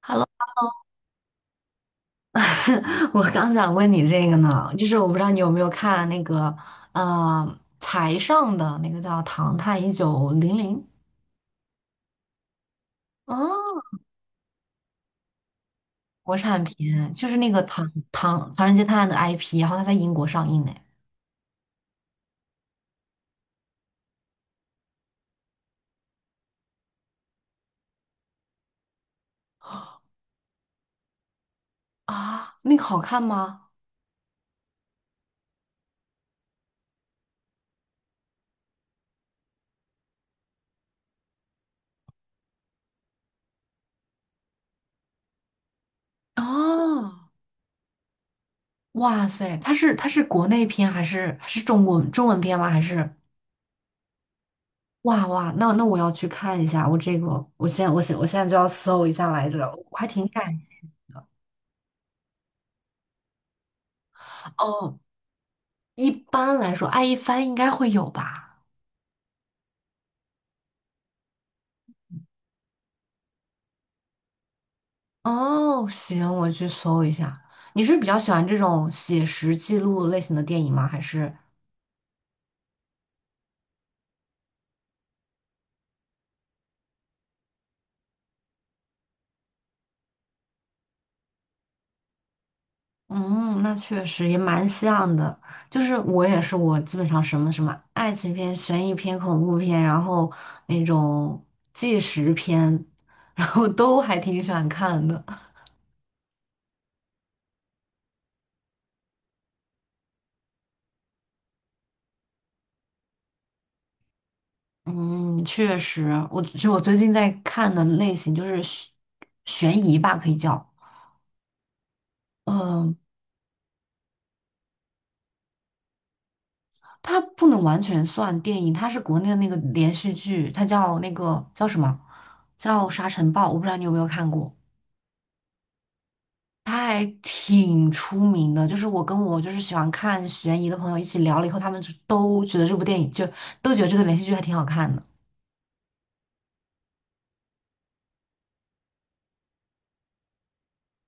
Hello，我刚想问你这个呢，就是我不知道你有没有看那个财上的那个叫《唐探1900》。啊，国产片，就是那个唐人街探案的 IP，然后它在英国上映呢。啊，那个好看吗？啊，哇塞，它是国内片还是中国中文片吗？还是哇哇，那我要去看一下，我这个我现在我现我现在就要搜一下来着，我还挺感兴趣。哦，一般来说，爱一帆应该会有吧？哦，行，我去搜一下。你是比较喜欢这种写实记录类型的电影吗？还是？嗯，那确实也蛮像的。就是我也是，我基本上什么什么爱情片、悬疑片、恐怖片，然后那种纪实片，然后都还挺喜欢看的。嗯，确实，我就我最近在看的类型就是悬疑吧，可以叫。嗯、它不能完全算电影，它是国内的那个连续剧，它叫那个叫什么？叫《沙尘暴》，我不知道你有没有看过，它还挺出名的。就是我就是喜欢看悬疑的朋友一起聊了以后，他们就都觉得这部电影就都觉得这个连续剧还挺好看的。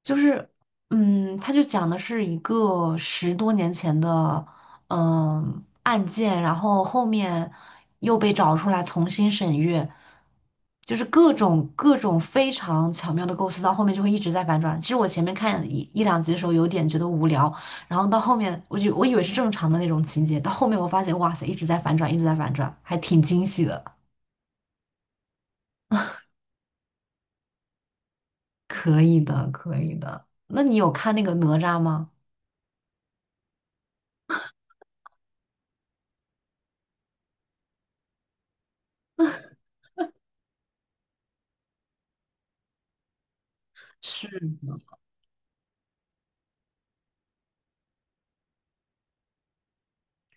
就是，嗯，他就讲的是一个10多年前的，嗯，案件，然后后面又被找出来重新审阅，就是各种各种非常巧妙的构思，到后面就会一直在反转。其实我前面看一两集的时候有点觉得无聊，然后到后面我以为是正常的那种情节，到后面我发现哇塞，一直在反转，一直在反转，还挺惊喜的。可以的，可以的。那你有看那个哪吒吗？是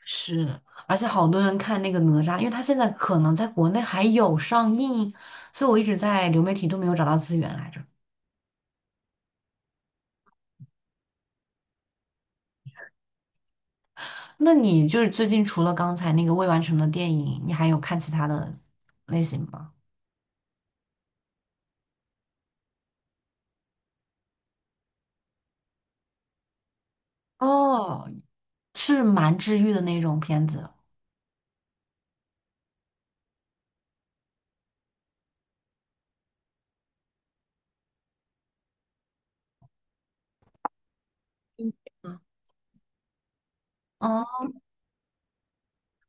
是，而且好多人看那个哪吒，因为他现在可能在国内还有上映，所以我一直在流媒体都没有找到资源来着。那你就是最近除了刚才那个未完成的电影，你还有看其他的类型吗？哦，是蛮治愈的那种片子。嗯啊哦，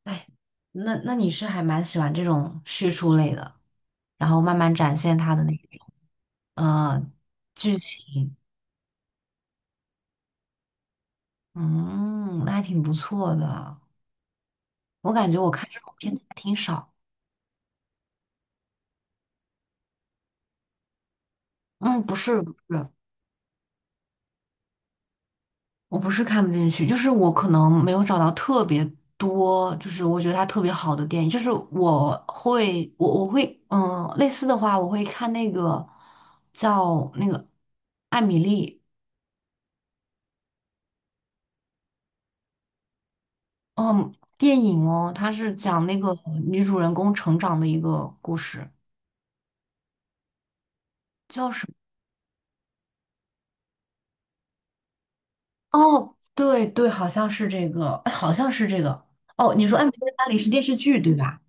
哎，那你是还蛮喜欢这种叙述类的，然后慢慢展现它的那种呃剧情，嗯，那还挺不错的。我感觉我看这种片子还挺少。嗯，不是不是，我不是看不进去，就是我可能没有找到特别多，就是我觉得它特别好的电影。就是我会，我会，嗯，类似的话，我会看那个叫那个艾米丽，嗯，电影哦，它是讲那个女主人公成长的一个故事。哦，对对，好像是这个，哎，好像是这个。哦，你说《艾米丽在巴黎》是电视剧对吧？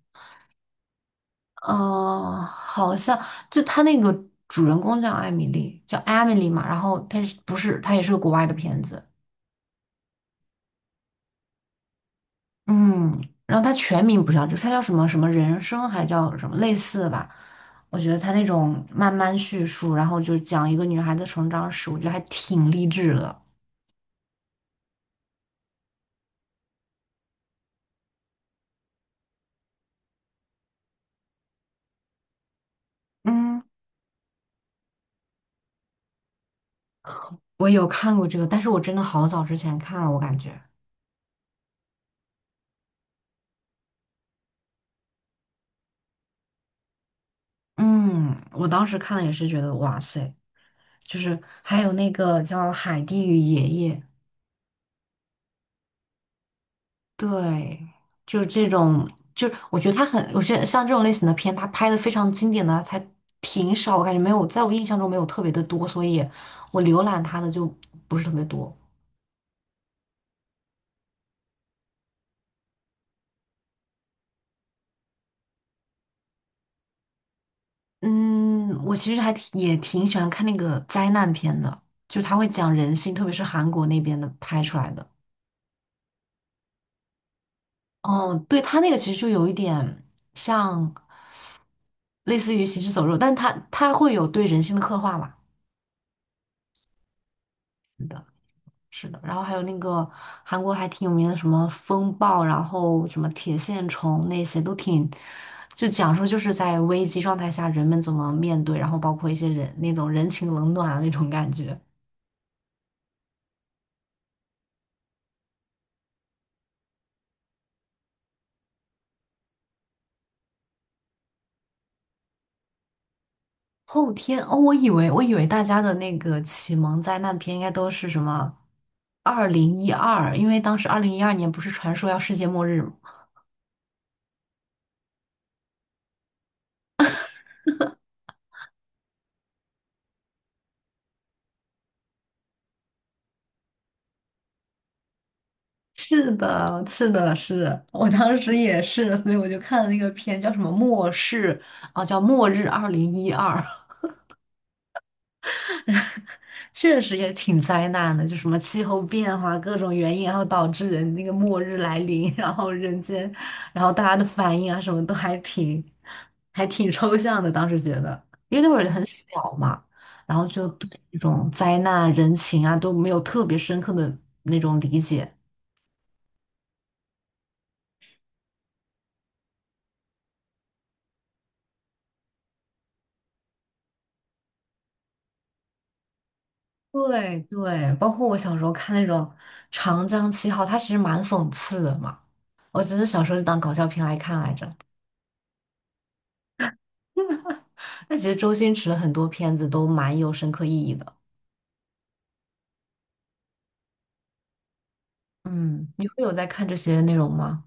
哦，好像就他那个主人公叫艾米丽嘛，然后他是不是他也是个国外的片子，嗯，然后他全名不叫这个，他叫什么什么人生还叫什么类似的吧？我觉得他那种慢慢叙述，然后就讲一个女孩子成长史，我觉得还挺励志的。嗯，我有看过这个，但是我真的好早之前看了，我感觉，嗯，我当时看了也是觉得哇塞，就是还有那个叫《海蒂与爷爷》。对，就是这种，就是我觉得他很，我觉得像这种类型的片，他拍的非常经典的才挺少，我感觉没有，在我印象中没有特别的多，所以我浏览他的就不是特别多。嗯，我其实还挺也挺喜欢看那个灾难片的，就是他会讲人性，特别是韩国那边的拍出来的。哦，对，他那个其实就有一点像类似于行尸走肉，但他会有对人性的刻画嘛。是的，然后还有那个韩国还挺有名的什么风暴，然后什么铁线虫那些都挺，就讲述就是在危机状态下人们怎么面对，然后包括一些人那种人情冷暖的那种感觉。后天哦，我以为我以为大家的那个启蒙灾难片应该都是什么二零一二，二零一二因为当时2012年不是传说要世界末日。是的，是的，是我当时也是，所以我就看了那个片，叫什么《末世》啊，叫《末日二零一二》，确实也挺灾难的，就什么气候变化各种原因，然后导致人那个末日来临，然后人间，然后大家的反应啊，什么都还挺抽象的。当时觉得，因为那会儿很小嘛，然后就对这种灾难人情啊都没有特别深刻的那种理解。对对，包括我小时候看那种《长江七号》，它其实蛮讽刺的嘛。我只是小时候就当搞笑片来看来着。那其实周星驰的很多片子都蛮有深刻意义的。嗯，你会有在看这些内容吗？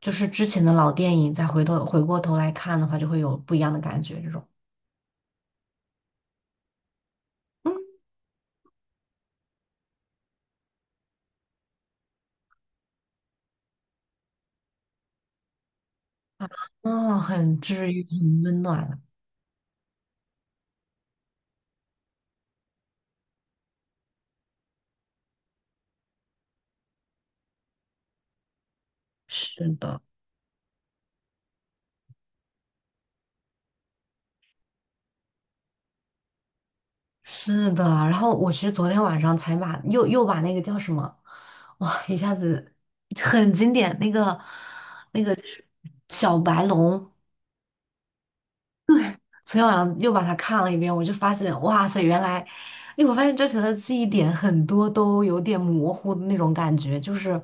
就是之前的老电影，再回过头来看的话，就会有不一样的感觉。这种，嗯啊，哦很治愈，很温暖啊。是的。是的，然后我其实昨天晚上才把又把那个叫什么，哇，一下子很经典，那个那个就是小白龙，昨天晚上又把它看了一遍，我就发现，哇塞，原来，因为我发现之前的记忆点很多都有点模糊的那种感觉，就是，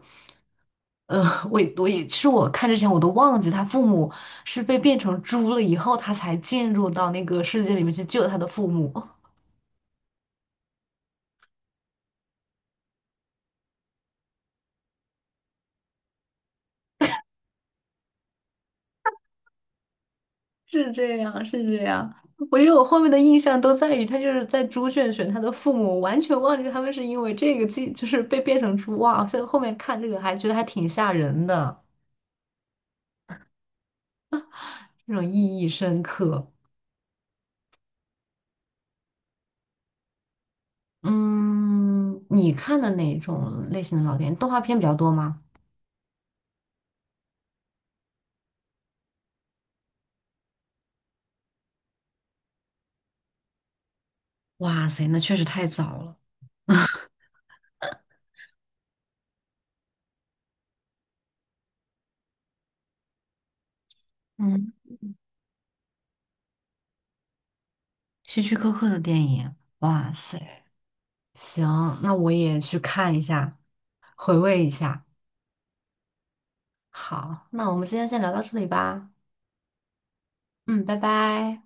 呃，我也我也，是我看之前我都忘记他父母是被变成猪了以后，他才进入到那个世界里面去救他的父母。是这样，是这样。我觉得我后面的印象都在于他就是在猪圈选他的父母，我完全忘记他们是因为这个记，就是被变成猪。哇，所以后面看这个还觉得还挺吓人的，这种意义深刻。嗯，你看的哪种类型的老电影？动画片比较多吗？哇塞，那确实太早了。嗯，希区柯克的电影，哇塞，行，那我也去看一下，回味一下。好，那我们今天先聊到这里吧。嗯，拜拜。